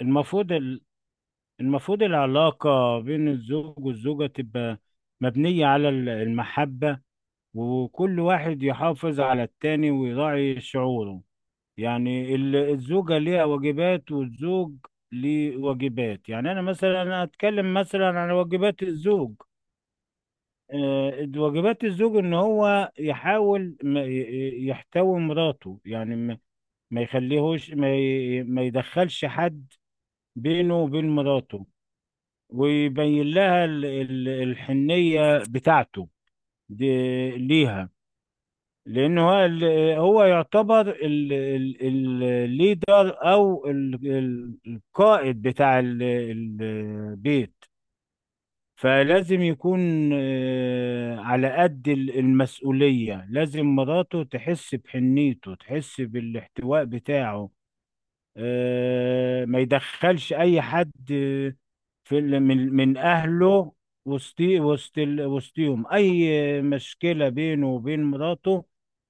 المفروض ال- المفروض العلاقة بين الزوج والزوجة تبقى مبنية على المحبة، وكل واحد يحافظ على التاني ويراعي شعوره. يعني الزوجة ليها واجبات والزوج ليه واجبات، يعني أنا أتكلم مثلا عن واجبات الزوج. واجبات الزوج إن هو يحاول ما ي- ي- يحتوي مراته، يعني ما يخليهوش، ما يدخلش حد بينه وبين مراته، ويبين لها الحنية بتاعته دي ليها. لأنه هو هو يعتبر الليدر أو القائد بتاع البيت. فلازم يكون على قد المسؤولية. لازم مراته تحس بحنيته، تحس بالاحتواء بتاعه. ما يدخلش اي حد في من اهله، وسطهم. اي مشكله بينه وبين مراته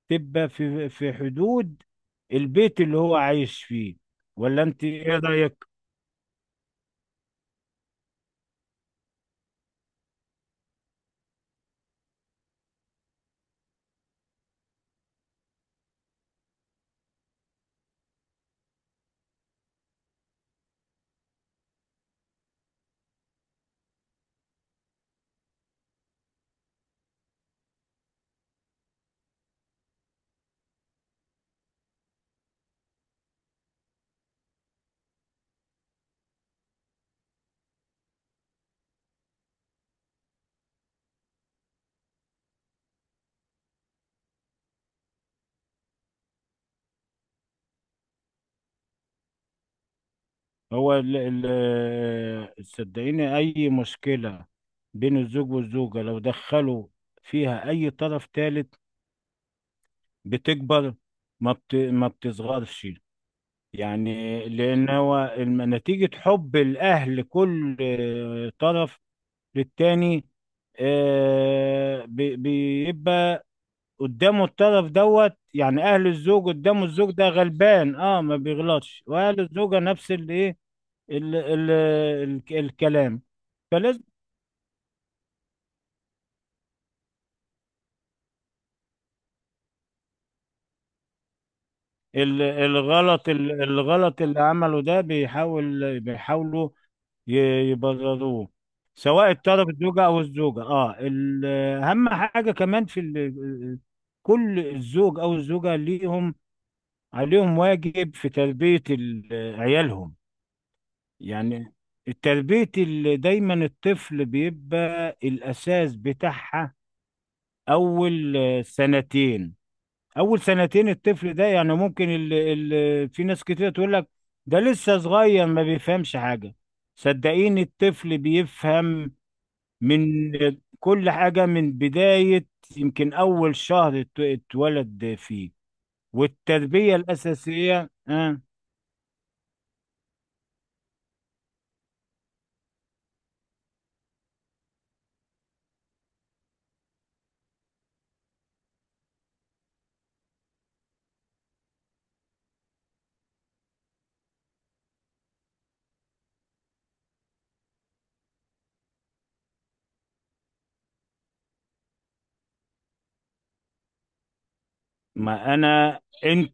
تبقى في حدود البيت اللي هو عايش فيه. ولا انت ايه رايك؟ هو صدقيني، اي مشكله بين الزوج والزوجه لو دخلوا فيها اي طرف ثالث بتكبر، ما بت ما بتصغرش. يعني لأن هو نتيجة حب الأهل كل طرف للتاني بيبقى قدامه الطرف دوت. يعني أهل الزوج قدامه الزوج ده غلبان، اه، ما بيغلطش، وأهل الزوجة نفس الإيه الكلام. فلازم الغلط اللي عمله ده بيحاولوا يبرروه، سواء الطرف الزوجة أو الزوجة، اه، أهم حاجة كمان في كل الزوج أو الزوجة ليهم عليهم واجب في تربية عيالهم. يعني التربية اللي دايما الطفل بيبقى الأساس بتاعها أول سنتين. أول سنتين الطفل ده، يعني ممكن ال ال في ناس كتير تقول لك ده لسه صغير ما بيفهمش حاجة. صدقيني الطفل بيفهم من كل حاجة، من بداية يمكن أول شهر اتولد فيه. والتربية الأساسية. ما أنا. أنت.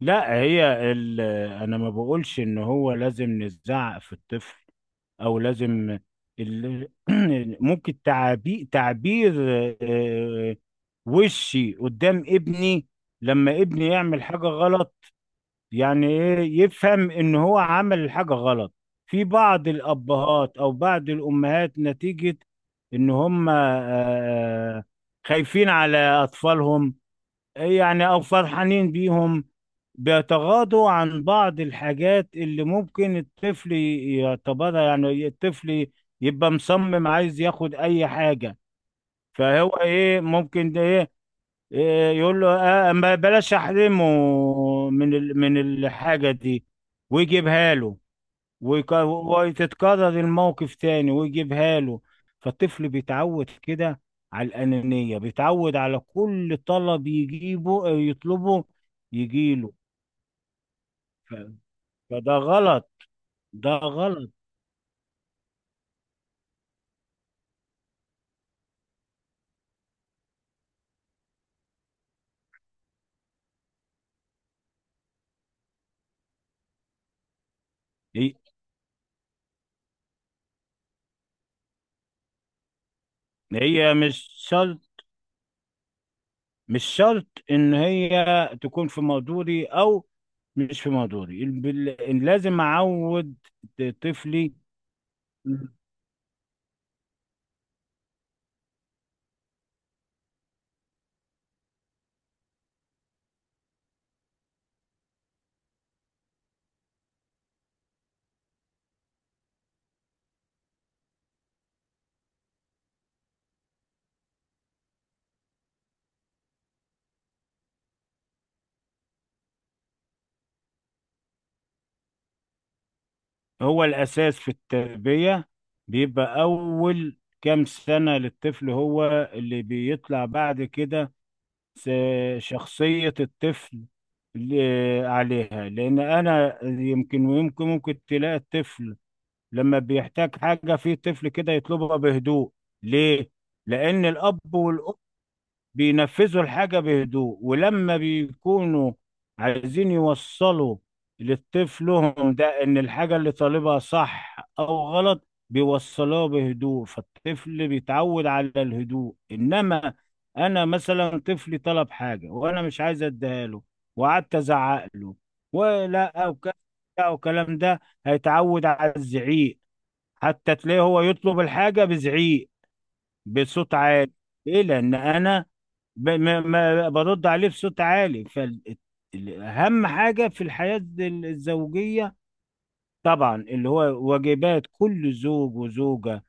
لا، هي ال... أنا ما بقولش إن هو لازم نزعق في الطفل، أو لازم ال... ممكن تعبير آه، وشي قدام ابني لما ابني يعمل حاجة غلط، يعني ايه يفهم ان هو عمل الحاجة غلط. في بعض الابهات او بعض الامهات نتيجة ان هم آه، خايفين على اطفالهم، يعني او فرحانين بيهم، بيتغاضوا عن بعض الحاجات اللي ممكن الطفل يعتبرها. يعني الطفل يبقى مصمم عايز ياخد اي حاجة، فهو ممكن ده إيه إيه، يقول له ما بلاش احرمه من من الحاجة دي، ويجيبها له، وتتكرر الموقف تاني ويجيبها له. فالطفل بيتعود كده على الأنانية، بيتعود على كل طلب يجيبه أو يطلبه يجيله. ف- فده غلط، ده غلط. هي هي مش شرط ان هي تكون في مقدوري او مش في مقدوري إن لازم اعود طفلي. هو الاساس في التربية بيبقى اول كام سنة للطفل، هو اللي بيطلع بعد كده س- شخصية الطفل ل- عليها. لان انا يمكن ويمكن ممكن تلاقي الطفل لما بيحتاج حاجة، في طفل كده يطلبها بهدوء. ليه؟ لأن الأب والأم بينفذوا الحاجة بهدوء، ولما بيكونوا عايزين يوصلوا لطفلهم ده إن الحاجة اللي طالبها صح أو غلط بيوصلوها بهدوء، فالطفل بيتعود على الهدوء. إنما أنا مثلا طفلي طلب حاجة وأنا مش عايز أديها له، وقعدت أزعق له ولا أو كذا أو كلام ده، هيتعود على الزعيق. حتى تلاقيه هو يطلب الحاجة بزعيق، بصوت عالي. ليه؟ لان انا ب... ما... ما برد عليه بصوت عالي. فاهم حاجه في الحياه الزوجيه؟ طبعا اللي هو واجبات كل زوج وزوجه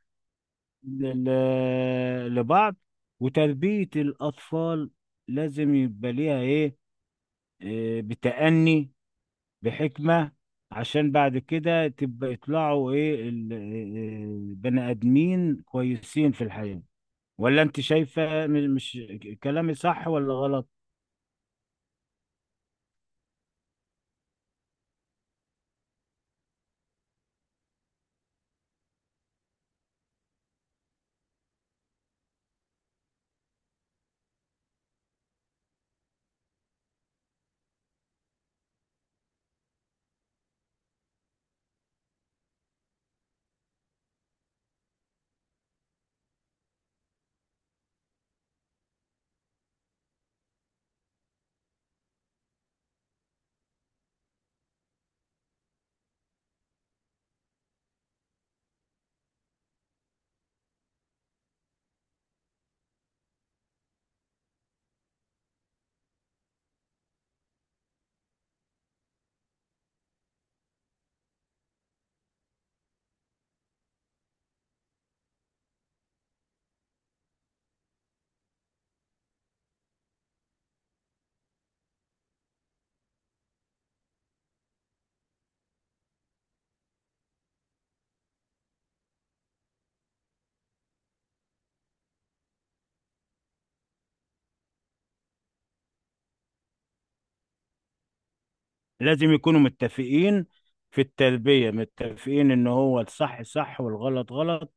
لبعض، وتربيه الاطفال لازم يبقى ليها ايه، بتأني، بحكمه، عشان بعد كده تبقى يطلعوا ايه ال- إيه، بني ادمين كويسين في الحياه. ولا انت شايفة مش كلامي صح ولا غلط؟ لازم يكونوا متفقين في التلبية، متفقين ان هو الصح صح والغلط غلط،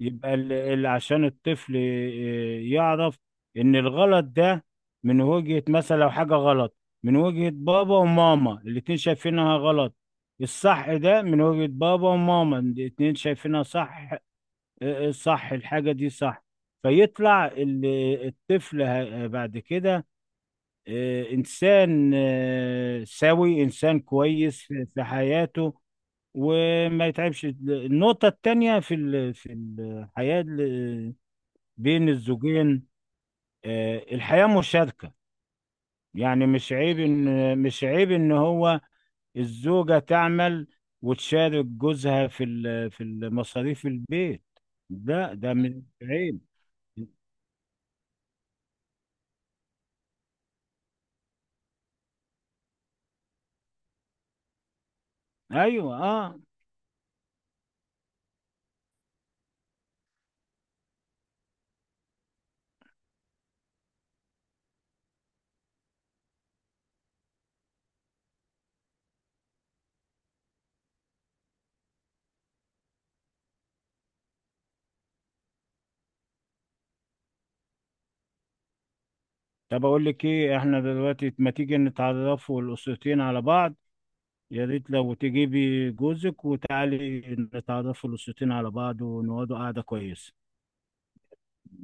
يبقى عشان الطفل يعرف ان الغلط ده من وجهة، مثلا لو حاجة غلط من وجهة بابا وماما الاتنين شايفينها غلط، الصح ده من وجهة بابا وماما الاتنين شايفينها صح. اه، اه، صح الحاجة دي صح، فيطلع الطفل بعد كده إنسان، سوي، إنسان كويس في حياته وما يتعبش. النقطة التانية في في الحياة بين الزوجين، الحياة مشاركة، يعني مش عيب إن هو الزوجة تعمل وتشارك جوزها في في المصاريف البيت، ده مش عيب. أيوه، أه. طب أقول لك إيه، إحنا دلوقتي ما تيجي نتعرفوا الأسرتين على بعض؟ يا ريت لو تجيبي جوزك وتعالي نتعرفوا الأسرتين على بعض ونقعدوا قعدة كويسة.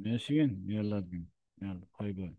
ماشي، يلا بينا. يلا، باي باي.